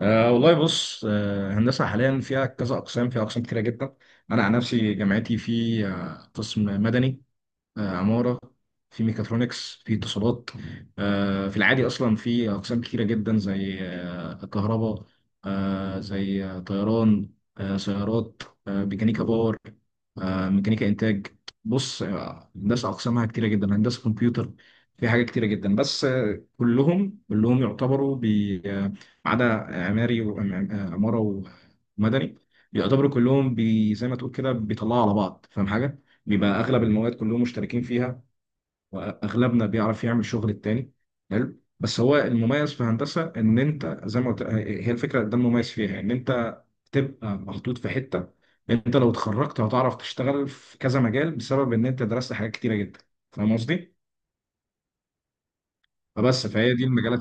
والله بص هندسة حاليا فيها كذا أقسام فيها أقسام كتيرة جدا. أنا عن نفسي جامعتي في قسم مدني، عمارة، في ميكاترونكس، في اتصالات. في العادي أصلا في أقسام كتيرة جدا، زي كهرباء، زي طيران، سيارات، ميكانيكا باور، ميكانيكا إنتاج. بص، هندسة أقسامها كتيرة جدا، هندسة كمبيوتر، في حاجات كتيرة جدا. بس كلهم يعتبروا ما عدا عماري، وعمارة، ومدني، يعتبروا كلهم بي، زي ما تقول كده بيطلعوا على بعض. فاهم حاجة؟ بيبقى اغلب المواد كلهم مشتركين فيها، واغلبنا بيعرف يعمل شغل التاني. حلو، بس هو المميز في هندسه ان انت زي ما قلت، هي الفكره ده المميز فيها، ان انت تبقى محطوط في حته. انت لو اتخرجت هتعرف تشتغل في كذا مجال، بسبب ان انت درست حاجات كتيره جدا. فاهم قصدي؟ فبس فهي دي المجالات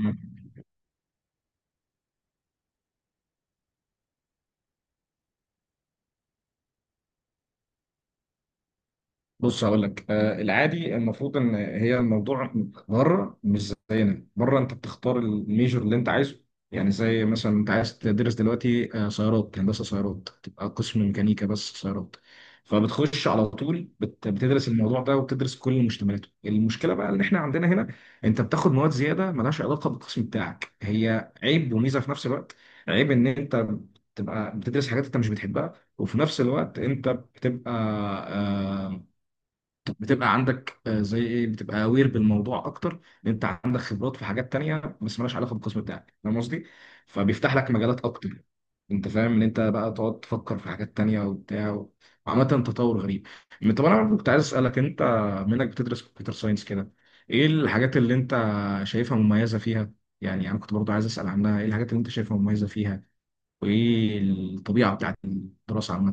المهمه. بص هقول لك، آه، العادي المفروض ان هي الموضوع بره مش زينا، بره انت بتختار الميجور اللي انت عايزه. يعني زي مثلا انت عايز تدرس دلوقتي آه، سيارات، هندسه سيارات، تبقى قسم ميكانيكا بس سيارات، فبتخش على طول بتدرس الموضوع ده، وبتدرس كل مشتملاته. المشكله بقى ان احنا عندنا هنا انت بتاخد مواد زياده ملهاش علاقه بالقسم بتاعك، هي عيب وميزه في نفس الوقت. عيب ان انت تبقى بتدرس حاجات انت مش بتحبها، وفي نفس الوقت انت بتبقى، آه، بتبقى عندك زي ايه، بتبقى اوير بالموضوع اكتر، لان انت عندك خبرات في حاجات تانية بس مالهاش علاقه بالقسم بتاعك. فاهم قصدي؟ فبيفتح لك مجالات اكتر. انت فاهم ان انت بقى تقعد تفكر في حاجات تانية وبتاع، وعامة تطور غريب. طب انا برضه كنت عايز اسالك، انت منك بتدرس كمبيوتر ساينس كده، ايه الحاجات اللي انت شايفها مميزه فيها؟ يعني انا كنت برضه عايز اسال عنها، ايه الحاجات اللي انت شايفها مميزه فيها، وايه الطبيعه بتاعت الدراسه عامه؟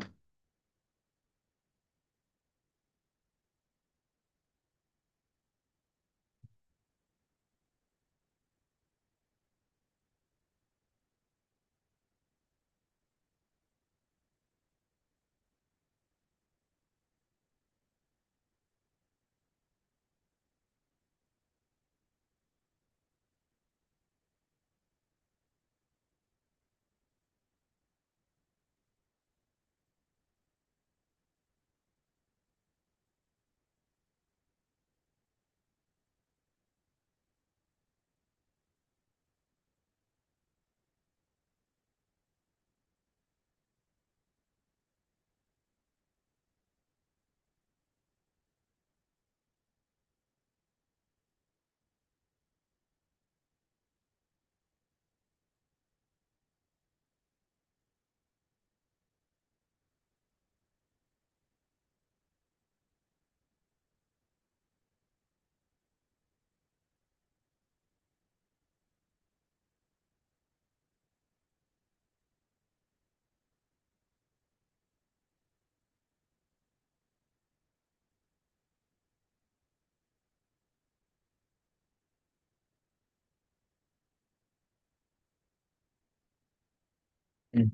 مم.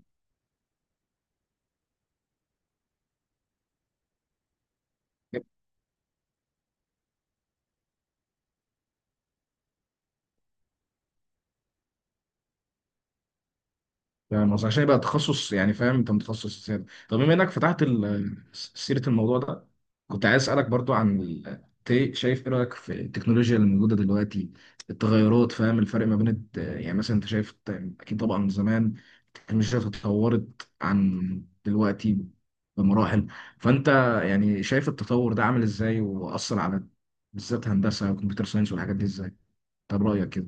فاهم قصدي؟ عشان يبقى تخصص يعني، فاهم انت متخصص سيادة. طب بما انك فتحت سيرة الموضوع ده، كنت عايز اسألك برضو عن شايف ايه رأيك في التكنولوجيا اللي موجودة دلوقتي، التغيرات، فاهم الفرق ما بين يعني مثلا انت شايف اكيد طبعا زمان التكنولوجيا اتطورت عن دلوقتي بمراحل. فانت يعني شايف التطور ده عامل ازاي، واثر على بالذات هندسة وكمبيوتر ساينس والحاجات دي ازاي؟ طب رأيك كده؟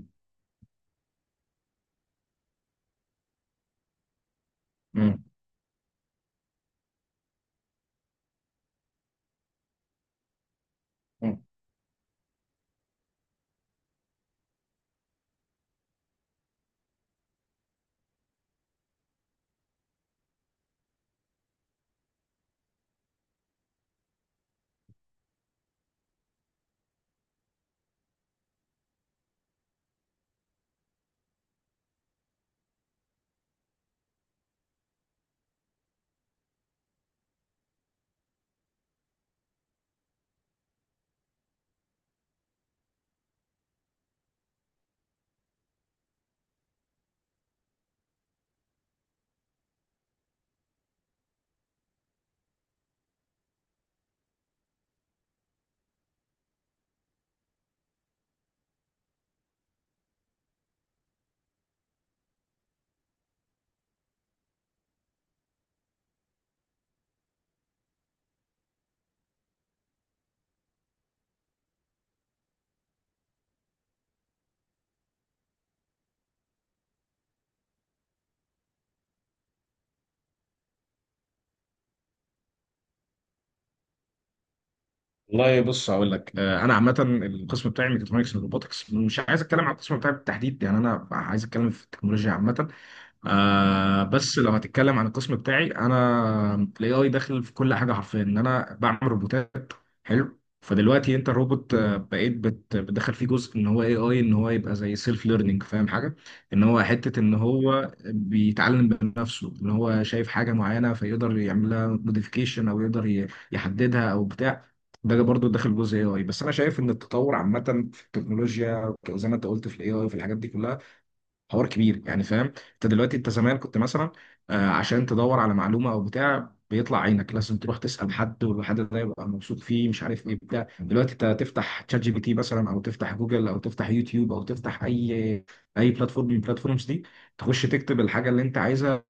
مم. والله بص هقول لك، انا عامه القسم بتاعي ميكاترونكس اند روبوتكس، مش عايز اتكلم عن القسم بتاعي بالتحديد، يعني انا عايز اتكلم في التكنولوجيا عامه. بس لو هتتكلم عن القسم بتاعي، انا الاي اي داخل في كل حاجه حرفيا، ان انا بعمل روبوتات. حلو، فدلوقتي انت الروبوت، بقيت بتدخل فيه جزء ان هو اي اي، ان هو يبقى زي سيلف ليرنينج. فاهم حاجه؟ ان هو حته ان هو بيتعلم بنفسه، ان هو شايف حاجه معينه فيقدر يعمل لها موديفيكيشن، او يقدر يحددها او بتاع. ده برضه داخل جزء اي اي. بس انا شايف ان التطور عامه في التكنولوجيا، زي ما انت قلت في الاي اي وفي الحاجات دي كلها، حوار كبير يعني. فاهم انت دلوقتي، انت زمان كنت مثلا عشان تدور على معلومه او بتاع بيطلع عينك، لازم تروح تسال حد، والحد ده يبقى موثوق فيه، مش عارف ايه بتاع. دلوقتي انت تفتح تشات جي بي تي مثلا، او تفتح جوجل، او تفتح يوتيوب، او تفتح اي اي بلاتفورم من البلاتفورمز دي، تخش تكتب الحاجه اللي انت عايزها،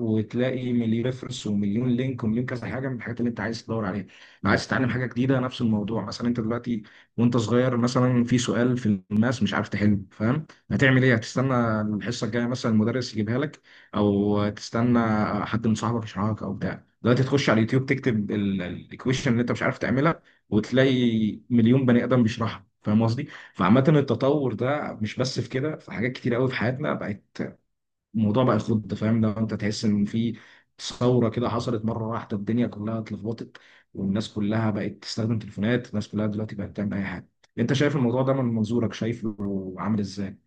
وتلاقي مليون ريفرنس ومليون لينك ومليون كذا حاجه من الحاجات اللي انت عايز تدور عليها. لو عايز تتعلم حاجه جديده، نفس الموضوع. مثلا انت دلوقتي وانت صغير، مثلا في سؤال في الماس مش عارف تحله، فاهم، هتعمل ايه؟ هتستنى الحصه الجايه مثلا المدرس يجيبها لك، او تستنى حد من صاحبك يشرحها لك او بتاع. دلوقتي تخش على اليوتيوب، تكتب الايكويشن اللي انت مش عارف تعملها، وتلاقي مليون بني ادم بيشرحها. فاهم قصدي؟ فعامة التطور ده مش بس في كده، في حاجات كتير قوي في حياتنا بقت. الموضوع بقى يخض. فاهم لو انت تحس ان في ثوره كده حصلت مره واحده، الدنيا كلها اتلخبطت، والناس كلها بقت تستخدم تليفونات، الناس كلها دلوقتي بقت تعمل اي حاجه. انت شايف الموضوع ده من منظورك، شايفه عامل ازاي؟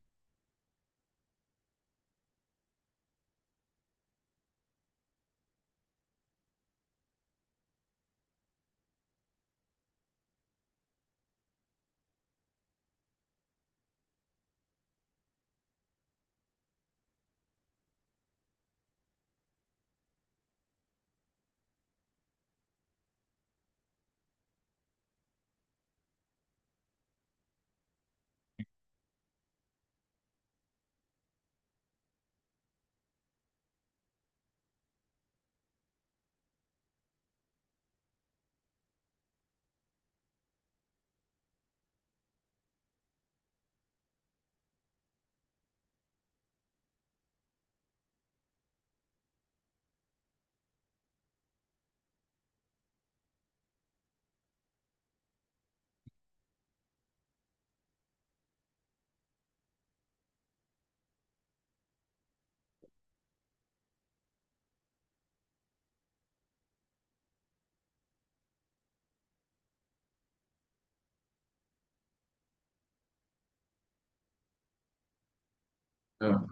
آه.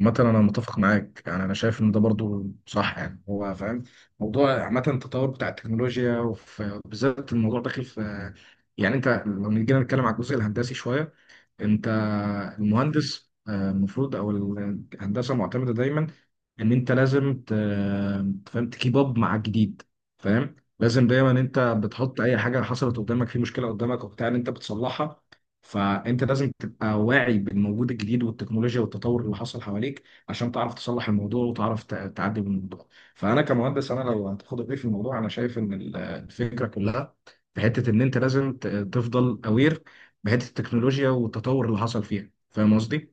مثلا انا متفق معاك، يعني انا شايف ان ده برضو صح. يعني هو فاهم، موضوع عامه التطور بتاع التكنولوجيا، وبالذات الموضوع داخل في، يعني انت لو جينا نتكلم على الجزء الهندسي شويه، انت المهندس، المفروض او الهندسه معتمده دايما ان انت لازم تفهم تكيب اب مع الجديد. فاهم، لازم دايما انت بتحط اي حاجه حصلت قدامك، في مشكله قدامك وبتاع، ان انت بتصلحها. فانت لازم تبقى واعي بالموجود الجديد والتكنولوجيا والتطور اللي حصل حواليك، عشان تعرف تصلح الموضوع وتعرف تعدي من الموضوع. فانا كمهندس، انا لو هتاخد رأيي في الموضوع، انا شايف ان الفكره كلها في حته ان انت لازم تفضل اوير بحته التكنولوجيا والتطور اللي حصل فيها. فاهم قصدي؟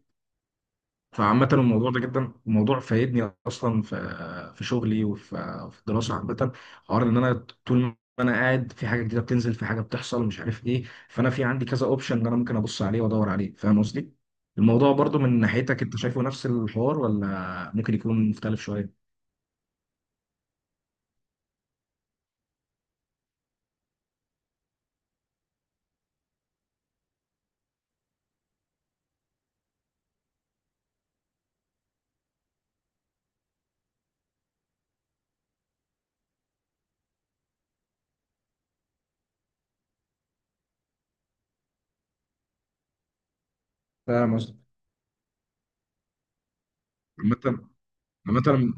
فعامة الموضوع ده جدا، الموضوع فايدني اصلا في في شغلي، وفي في الدراسه عامة، حوار ان انا طول ما انا قاعد، في حاجه جديده بتنزل، في حاجه بتحصل مش عارف ايه، فانا في عندي كذا اوبشن ان انا ممكن ابص عليه وادور عليه. فاهم قصدي؟ الموضوع برضو من ناحيتك انت شايفه نفس الحوار، ولا ممكن يكون مختلف شويه؟ فاهم قصدي؟ عامة عامة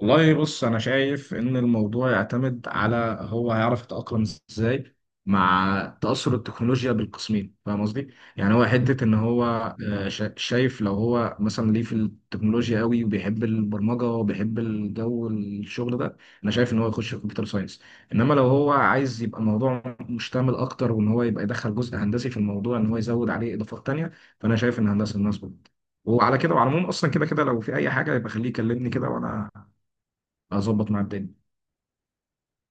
والله بص، انا شايف ان الموضوع يعتمد على هو هيعرف يتاقلم ازاي مع تاثر التكنولوجيا بالقسمين. فاهم قصدي، يعني هو حته ان هو شايف لو هو مثلا ليه في التكنولوجيا قوي وبيحب البرمجه وبيحب الجو الشغل ده، انا شايف ان هو يخش في كمبيوتر ساينس. انما لو هو عايز يبقى الموضوع مشتمل اكتر، وان هو يبقى يدخل جزء هندسي في الموضوع، ان هو يزود عليه اضافات تانيه، فانا شايف ان هندسه الناس. وعلى كده وعلى العموم، اصلا كده كده لو في اي حاجه يبقى خليه يكلمني كده، وانا اظبط مع الدنيا.